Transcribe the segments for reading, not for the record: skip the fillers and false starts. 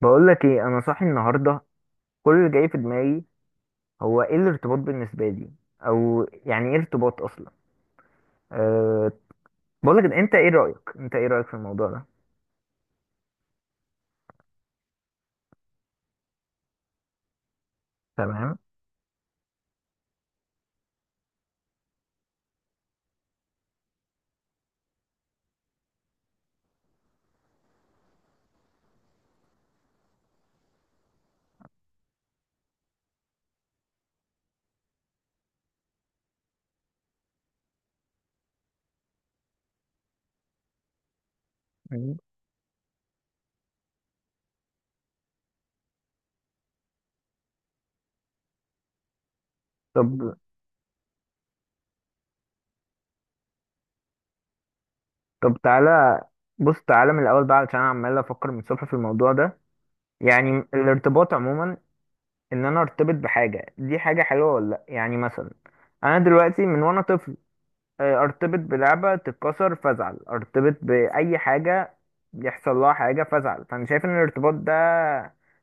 بقول لك ايه، انا صاحي النهارده. كل اللي جاي في دماغي هو ايه الارتباط بالنسبه لي، او يعني ايه ارتباط اصلا. أه بقول لك انت ايه رايك في الموضوع ده؟ تمام. مم. طب طب، تعالى بص تعالى من الاول بقى، علشان انا عمال افكر من الصبح في الموضوع ده. يعني الارتباط عموما، ان انا ارتبط بحاجه دي حاجه حلوه ولا لا. يعني مثلا انا دلوقتي من وانا طفل، ارتبط بلعبة تتكسر فازعل، ارتبط بأي حاجة يحصل لها حاجة فازعل، فأنا شايف إن الارتباط ده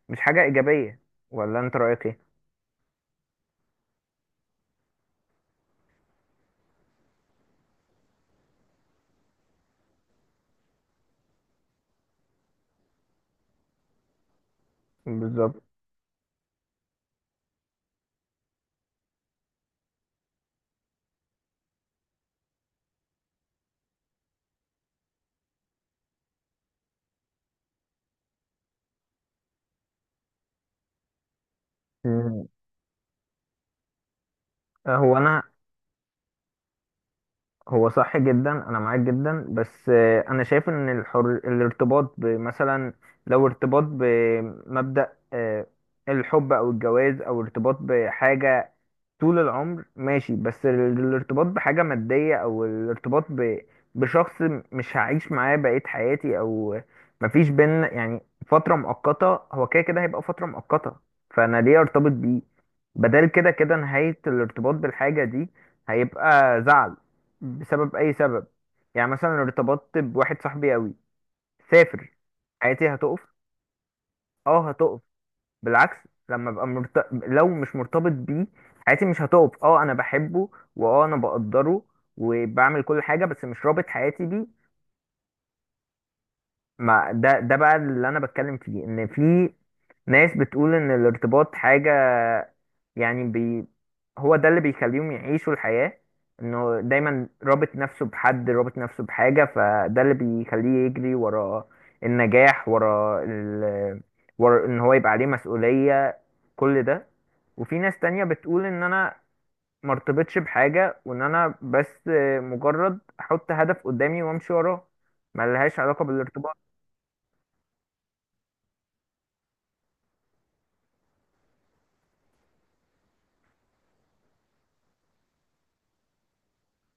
مش حاجة إيجابية. ولا أنت رأيك إيه؟ بالظبط. مم. هو انا هو صح جدا، انا معاك جدا، بس انا شايف ان الارتباط بمثلا، لو ارتباط بمبدأ الحب او الجواز او ارتباط بحاجة طول العمر ماشي، بس الارتباط بحاجة مادية او الارتباط بشخص مش هعيش معاه بقية حياتي، او مفيش بينا يعني فترة مؤقتة، هو كده كده هيبقى فترة مؤقتة، فانا ليه ارتبط بيه؟ بدل كده كده نهاية الارتباط بالحاجة دي هيبقى زعل بسبب اي سبب. يعني مثلا ارتبطت بواحد صاحبي قوي، سافر، حياتي هتقف. اه هتقف. بالعكس، لما ابقى لو مش مرتبط بيه حياتي مش هتقف، اه انا بحبه واه انا بقدره وبعمل كل حاجه، بس مش رابط حياتي بيه. ما ده بقى اللي انا بتكلم فيه، ان في ناس بتقول ان الارتباط حاجه، يعني هو ده اللي بيخليهم يعيشوا الحياة، انه دايما رابط نفسه بحد، رابط نفسه بحاجة، فده اللي بيخليه يجري ورا النجاح، ورا ورا ان هو يبقى عليه مسؤولية، كل ده. وفي ناس تانية بتقول ان انا مرتبطش بحاجة، وان انا بس مجرد احط هدف قدامي وامشي وراه، ملهاش علاقة بالارتباط.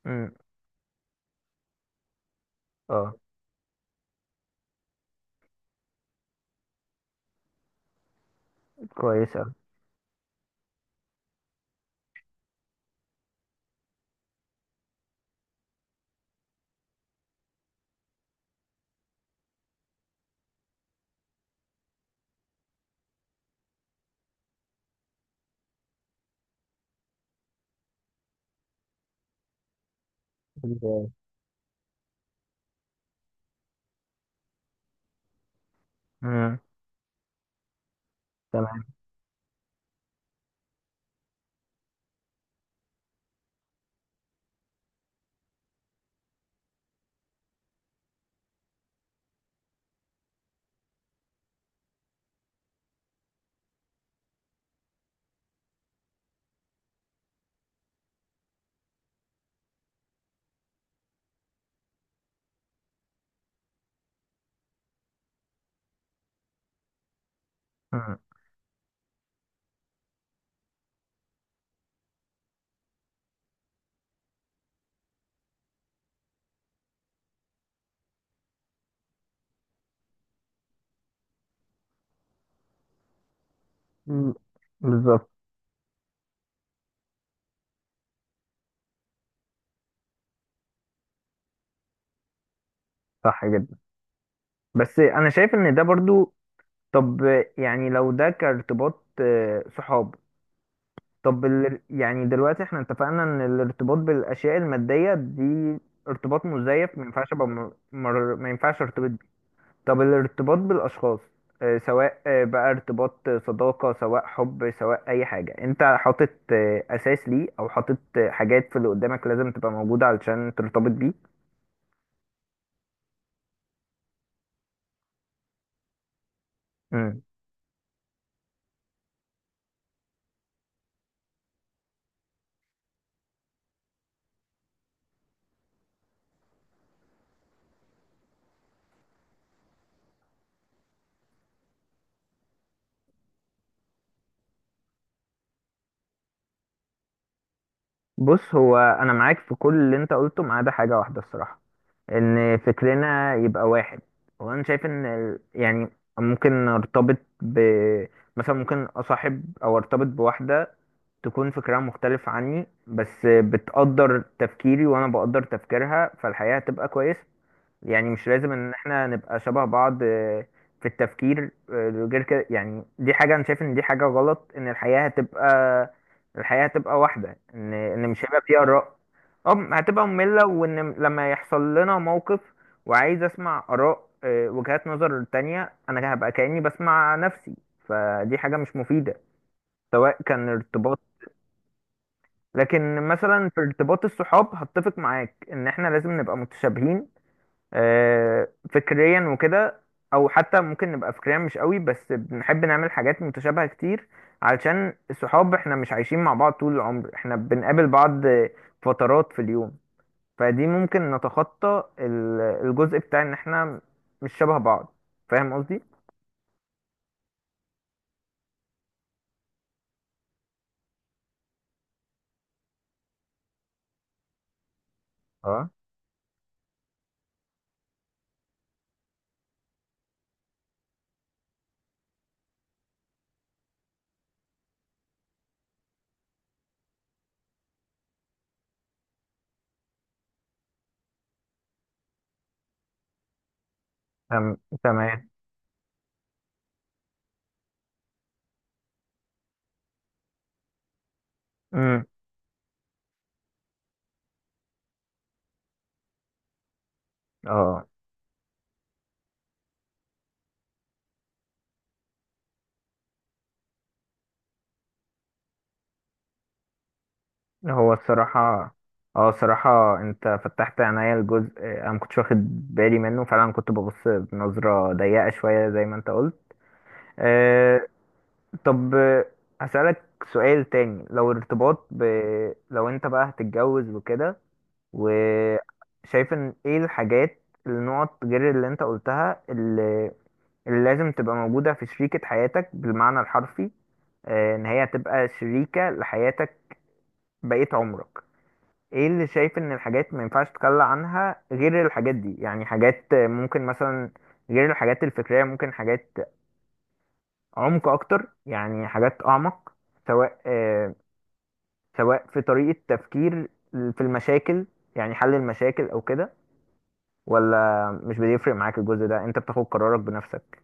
امم. اه. كويس اوي. بالظبط. امم. تمام. امم. مم. بالظبط. صح جدا. بس انا شايف ان ده برضو، طب، يعني لو ده كارتباط صحاب، طب يعني دلوقتي احنا اتفقنا ان الارتباط بالاشياء المادية دي ارتباط مزيف، ما ينفعش ابقى ما ينفعش ارتبط بيه. طب الارتباط بالاشخاص سواء بقى ارتباط صداقة، سواء حب، سواء اي حاجة، انت حاطط اساس ليه، او حاطط حاجات في اللي قدامك لازم تبقى موجودة علشان ترتبط بيه. مم. بص، هو انا معاك في كل اللي انت قلته ما عدا حاجه واحده الصراحه، ان فكرنا يبقى واحد. وانا شايف ان يعني ممكن ارتبط ب، مثلا ممكن اصاحب او ارتبط بواحده تكون فكرها مختلف عني، بس بتقدر تفكيري وانا بقدر تفكيرها، فالحياه هتبقى كويسه. يعني مش لازم ان احنا نبقى شبه بعض في التفكير غير كده. يعني دي حاجة انا شايف ان دي حاجة غلط، ان الحياة هتبقى، الحياة هتبقى واحدة، ان مش هيبقى فيها آراء. اه هتبقى مملة، وان لما يحصل لنا موقف وعايز اسمع آراء وجهات نظر تانية، انا هبقى كأني بسمع نفسي، فدي حاجة مش مفيدة. سواء كان ارتباط، لكن مثلا في ارتباط الصحاب هتفق معاك ان احنا لازم نبقى متشابهين فكريا وكده. او حتى ممكن نبقى فكريا مش قوي، بس بنحب نعمل حاجات متشابهة كتير، علشان الصحاب احنا مش عايشين مع بعض طول العمر، احنا بنقابل بعض فترات في اليوم، فدي ممكن نتخطى الجزء بتاع ان احنا مش شبه بعض. فاهم قصدي؟ اه. تم- تمام. امم. اه. هو الصراحة، اه الصراحة انت فتحت عينيا، الجزء انا ما كنتش واخد بالي منه فعلا، كنت ببص بنظرة ضيقة شوية زي ما انت قلت. آه. طب، هسألك سؤال تاني. لو انت بقى هتتجوز وكده، وشايف ان ايه الحاجات النقط غير اللي انت قلتها، اللي لازم تبقى موجودة في شريكة حياتك بالمعنى الحرفي، آه ان هي هتبقى شريكة لحياتك بقية عمرك. ايه اللي شايف ان الحاجات ما ينفعش تتخلى عنها غير الحاجات دي؟ يعني حاجات ممكن مثلا غير الحاجات الفكرية، ممكن حاجات عمق اكتر، يعني حاجات اعمق، سواء سواء في طريقة تفكير في المشاكل، يعني حل المشاكل او كده، ولا مش بيفرق معاك الجزء ده، انت بتاخد قرارك بنفسك؟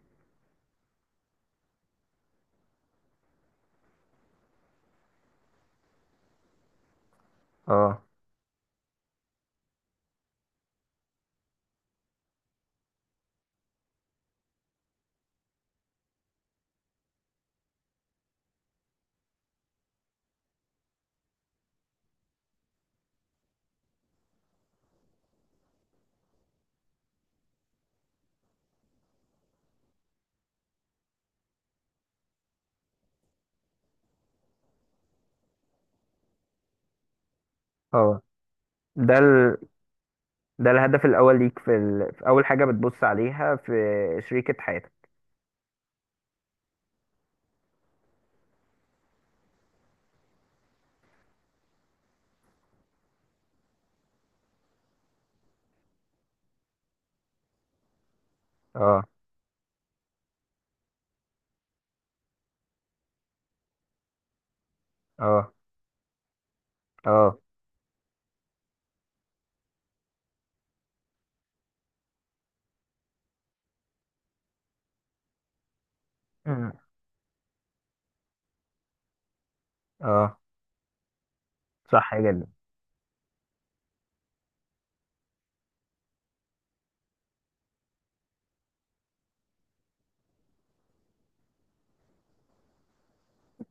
اه. اه. ده ده الهدف الاول ليك في, في اول حاجة بتبص عليها في شريكة حياتك؟ اه. اه. اه. أمم، اه. صح جدا.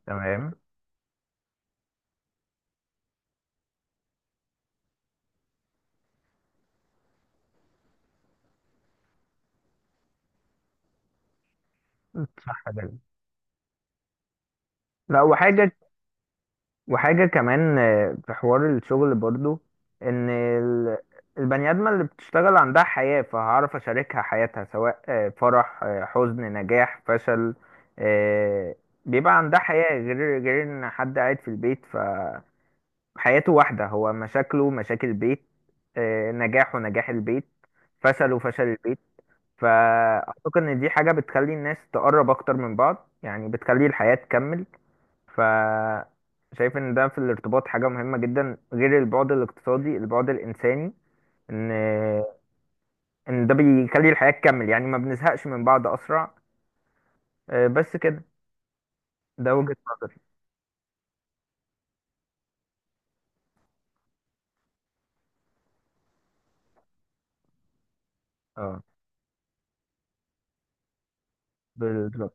تمام. صح جدا. لا وحاجة، وحاجة كمان في حوار الشغل برضو، ان البني آدمة اللي بتشتغل عندها حياة، فهعرف اشاركها حياتها، سواء فرح حزن، نجاح، فشل، آه، بيبقى عندها حياة، غير ان حد قاعد في البيت فحياته واحدة، هو مشاكله مشاكل البيت، نجاحه نجاح البيت، فشله فشل البيت. فأعتقد ان دي حاجة بتخلي الناس تقرب اكتر من بعض، يعني بتخلي الحياة تكمل. ف شايف ان ده في الارتباط حاجة مهمة جدا، غير البعد الاقتصادي، البعد الانساني، ان ان ده بيخلي الحياة تكمل، يعني ما بنزهقش من بعض اسرع. بس كده. ده وجهة نظري. اه. بالظبط.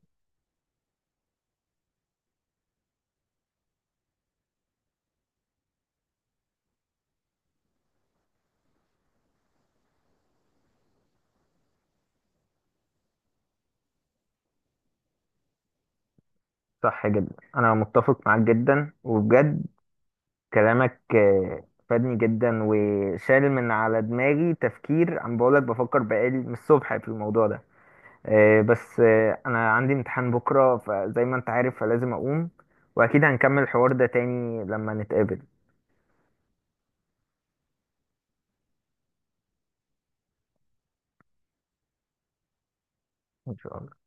صح جدا. انا متفق معاك جدا وبجد، كلامك فادني جدا، وشال من على دماغي تفكير، عم بقولك بفكر بقالي من الصبح في الموضوع ده. بس انا عندي امتحان بكره، فزي ما انت عارف، فلازم اقوم، واكيد هنكمل الحوار ده تاني لما نتقابل. ان شاء الله.